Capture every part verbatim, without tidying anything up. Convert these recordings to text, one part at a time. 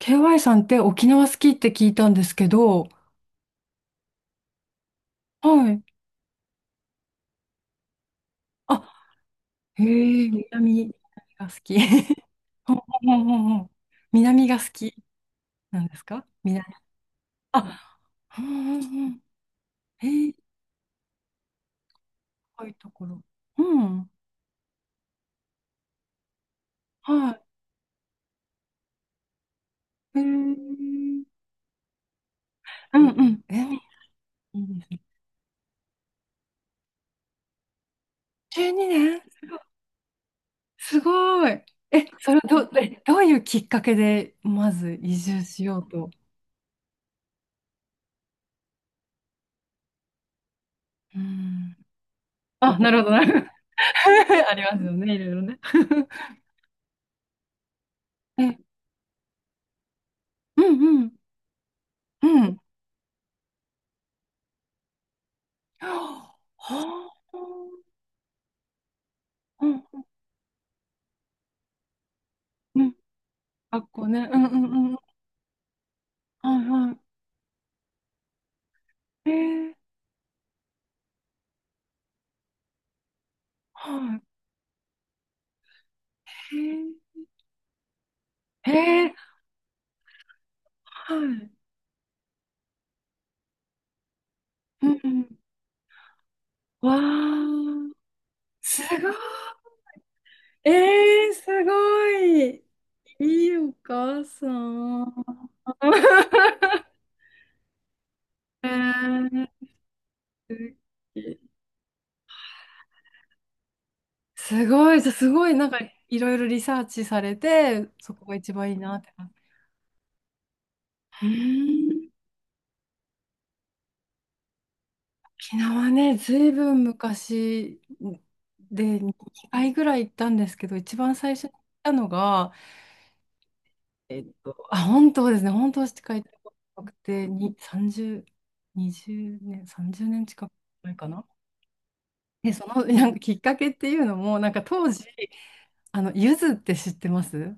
ケーワイ さんって沖縄好きって聞いたんですけど、はい。あ、へえ、南、南が好き。うんうんうんうん。南が好きなんですか南。あ、うんうんうん。へえ、深いところ。うん。はい。へえ。うんうん。え、いいですね。じゅうにねんすごい。え、それど、えどういうきっかけで、まず移住しようと。うん。あ、なるほど、なるほど。ありますよね、いろいろね。うんうんうん。はあ。うんうん学校ね。うんうんうん。はいはい。えー、はい。えー、えーはい。うんうん。わー。すごい。えー、すごい。いいお母さん。えー、すごい。じゃあすごい、なんかいろいろリサーチされて、そこが一番いいなって感じ。うーん沖縄ね、ずいぶん昔でにかいぐらい行ったんですけど、一番最初に行ったのが、あ、本当ですね、本当しか行ったことなくて、にさんじゅう、にじゅうねん、さんじゅうねん近く前かな。で、そのなんかきっかけっていうのも、なんか当時、あの、ゆずって知ってます？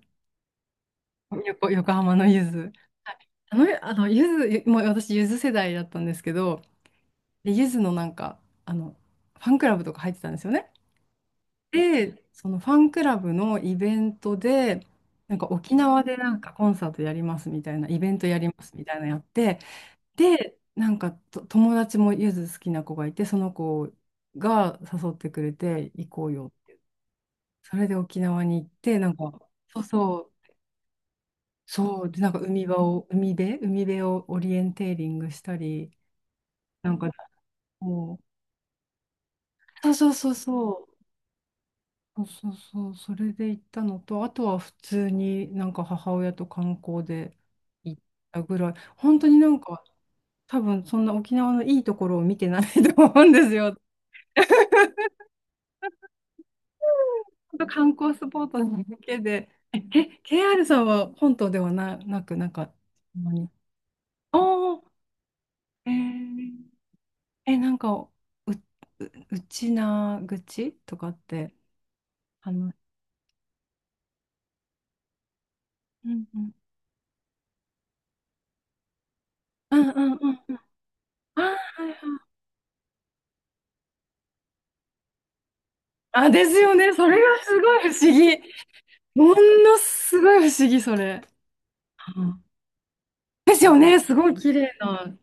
横、横浜のゆず。はいあの、あの、ゆず、もう私、ゆず世代だったんですけど、でゆずのなんか、あの、ファンクラブとか入ってたんですよね。で、そのファンクラブのイベントで、なんか沖縄でなんかコンサートやりますみたいな、イベントやりますみたいなのやって、で、なんかと友達もゆず好きな子がいて、その子が誘ってくれて行こうよ。それで沖縄に行って、なんか、そうそう、そう、で、なんか海場を、海辺、海辺をオリエンテーリングしたり、なんかもう、そうそうそうそう。そうそうそう、それで行ったのと、あとは普通になんか母親と観光で行ったぐらい、本当になんか多分そんな沖縄のいいところを見てない と思うんですよ。本当観光スポットだけで。え、え ケーアール さんは本島ではな、なく、なんか、ほんまに。おー、えー、え、なんか、う、う、うちな愚痴とかって、あの、うんうん。うんうんうんうん。あー、はいはいあ、ですよね。それがすごい不思議。ものすごい不思議、それ。うんですよね。すごい綺麗な。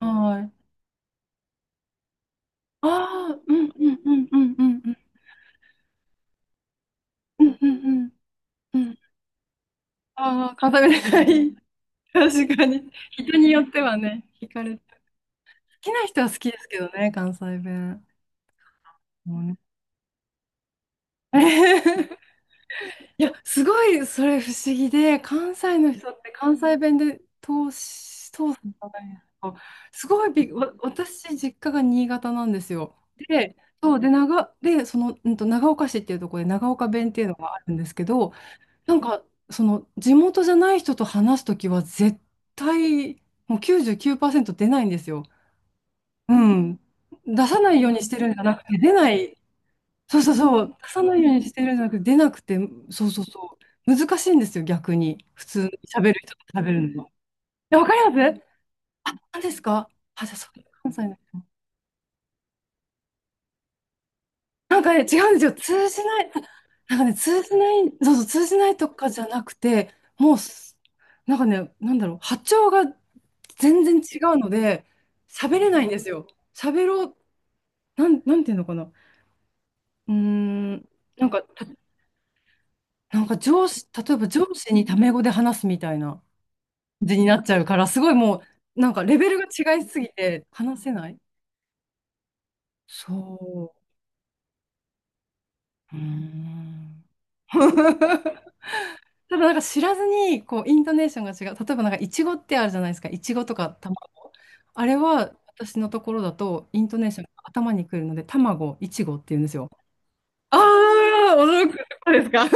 はい。ああ、うんうんうんうんうんうんうんうんうん。ああ、片目がいい。確かに。人によってはね、惹かれて。好きな人は好きですけどね、関西弁。もうね いや、すごいそれ不思議で、関西の人って関西弁で通し、通すじゃないですか。すごいびっ、わ私、実家が新潟なんですよ。で、そう、で、長、で、その、うんと、長岡市っていうところで長岡弁っていうのがあるんですけど、なんか、その、地元じゃない人と話すときは絶対、もうきゅうじゅうきゅうパーセント出ないんですよ。うん。出さないようにしてるんじゃなくて、出ないそうそうそう、出さないようにしてるんじゃなくて、出なくて、そうそうそう、難しいんですよ、逆に。普通に喋る人と喋るのは。え、わかります？あ、何ですか？あ、じゃあ、そう、関西の人。なんかね、違うんですよ、通じない、なんかね、通じない、そうそう、通じないとかじゃなくて、もうす、なんかね、なんだろう、波長が全然違うので、喋れないんですよ。喋ろう、なん、なんていうのかな。うーん、なんか、たなんか上司、例えば上司にタメ語で話すみたいな。じになっちゃうから、すごいもう、なんかレベルが違いすぎて話せない。そう。うーん。ただなんか知らずに、こう、イントネーションが違う。例えばなんか、イチゴってあるじゃないですか。イチゴとか卵。あれは、私のところだと、イントネーションが頭にくるので、卵、イチゴって言うんですよ。ああ、驚くとこですか。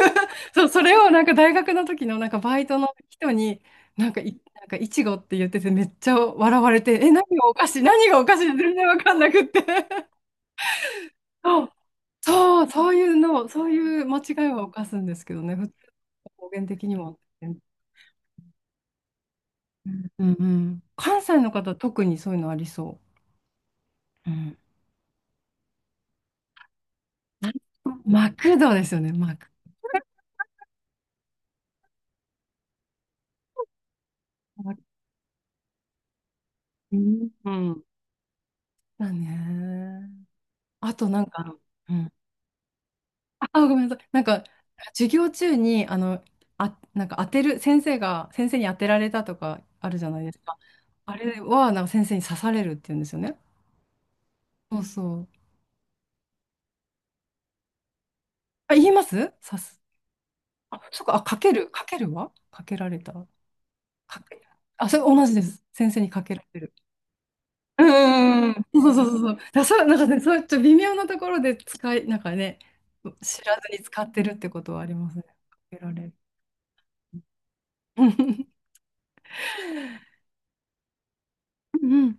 そう、それをなんか大学の時のなんかバイトの人に、なんかい、なんかいちごって言っててめっちゃ笑われて、え、何がおかしい、何がおかしい、全然わかんなくって。そう、そうそういうの、そういう間違いは犯すんですけどね、普通の方言的には。うんうんうん。関西の方、特にそういうのありそう。うん。マクドですよね、マク。マクうん。だね。あとなんか、うんあ、ごめんなさい。なんか、授業中に、あの、あ、なんか当てる、先生が、先生に当てられたとかあるじゃないですか。あれは、なんか先生に刺されるって言うんですよね。そうそう。あ、言います刺す。あ、そっか、あ、かける、かけるはかけられた。かけ、あ、それ同じです。先生にかけられる。うんうんうんうん。そうそうそうそう。だ、そう、なんかね、そういうちょっと微妙なところで使い、なんかね、知らずに使ってるってことはありますね。かけられる。うんうん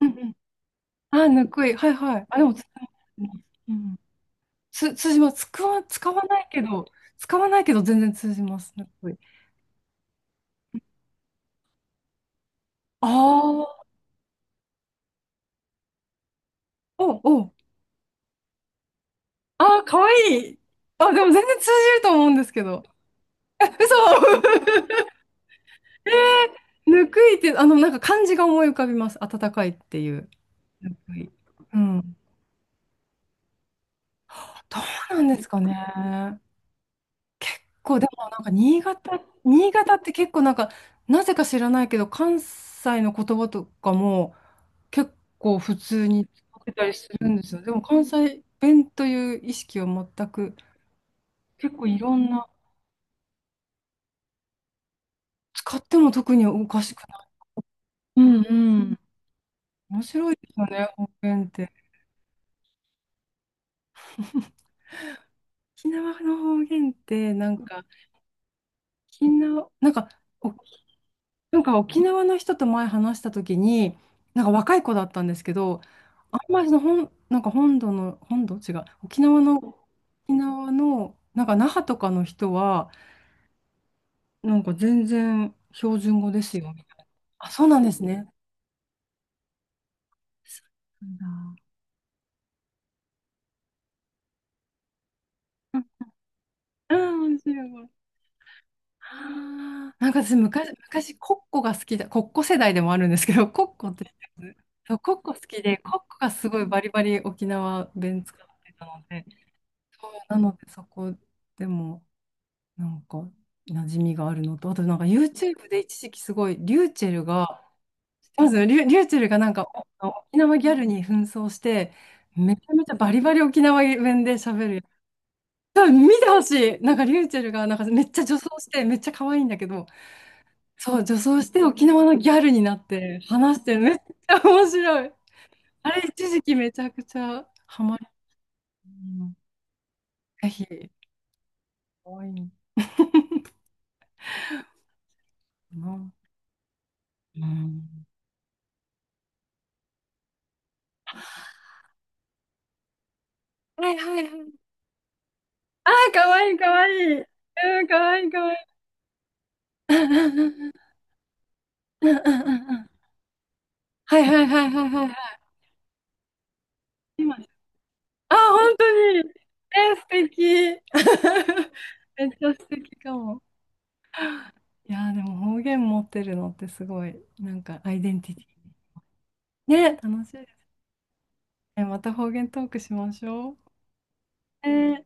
うんうんあ、ぬくい。はいはい。あ、でも、つうん。つ、通じます。使わ、使わないけど、使わないけど全然通じます。ぬくい。ああ、おお。ああ、かわいい。あ、でも全然通じると思うんですけど。え、嘘 えー、ぬくいって、あの、なんか漢字が思い浮かびます。暖かいっていう。ぬくい。うん。どうなんですかね。こう、でもなんか新潟、新潟って結構なんか、なぜか知らないけど、関西の言葉とかも、結構普通に使ってたりするんですよ。でも関西弁という意識は全く、結構いろんな、使っても特におかしくない。うんうん。面白いですよね、方言って。沖縄の方言って、なんか、沖縄、なんか、おなんか沖縄の人と前話した時に、なんか若い子だったんですけど、あんまりその本、なんか本土の、本土違う、沖縄の、沖縄の、なんか那覇とかの人は、なんか全然標準語ですよ、みたいな。あ、そうなんですね。そうなんだ。うん面白い。あーなんか私昔、昔、コッコが好きだ、コッコ世代でもあるんですけど、コッコって知ってます？そう、コッコ好きで、コッコがすごいバリバリ沖縄弁使ってたので、なのでそこでもなんか馴染みがあるのと、あとなんか YouTube で一時期すごい、リューチェルがまず、リュ、リューチェルがなんかお沖縄ギャルに扮装して、めちゃめちゃバリバリ沖縄弁で喋る。多分見てほしい。なんかリューチェルがなんかめっちゃ女装して、めっちゃ可愛いんだけど、そう、女装して沖縄のギャルになって話してる。めっちゃ面白い。あれ、一時期めちゃくちゃハマる。うんぜひ、可愛いのかな。うん。はいはいはい。ああ、可愛い可愛い。うん、可愛い可愛い。うんうんうんうんうんうんうんはいはいはいはいはいはい。今あ、本当に。え、素敵。めっちゃ素敵かも。いやー、でも方言持ってるのってすごい、なんかアイデンティティ。ね、楽しいですね。また方言トークしましょう。ね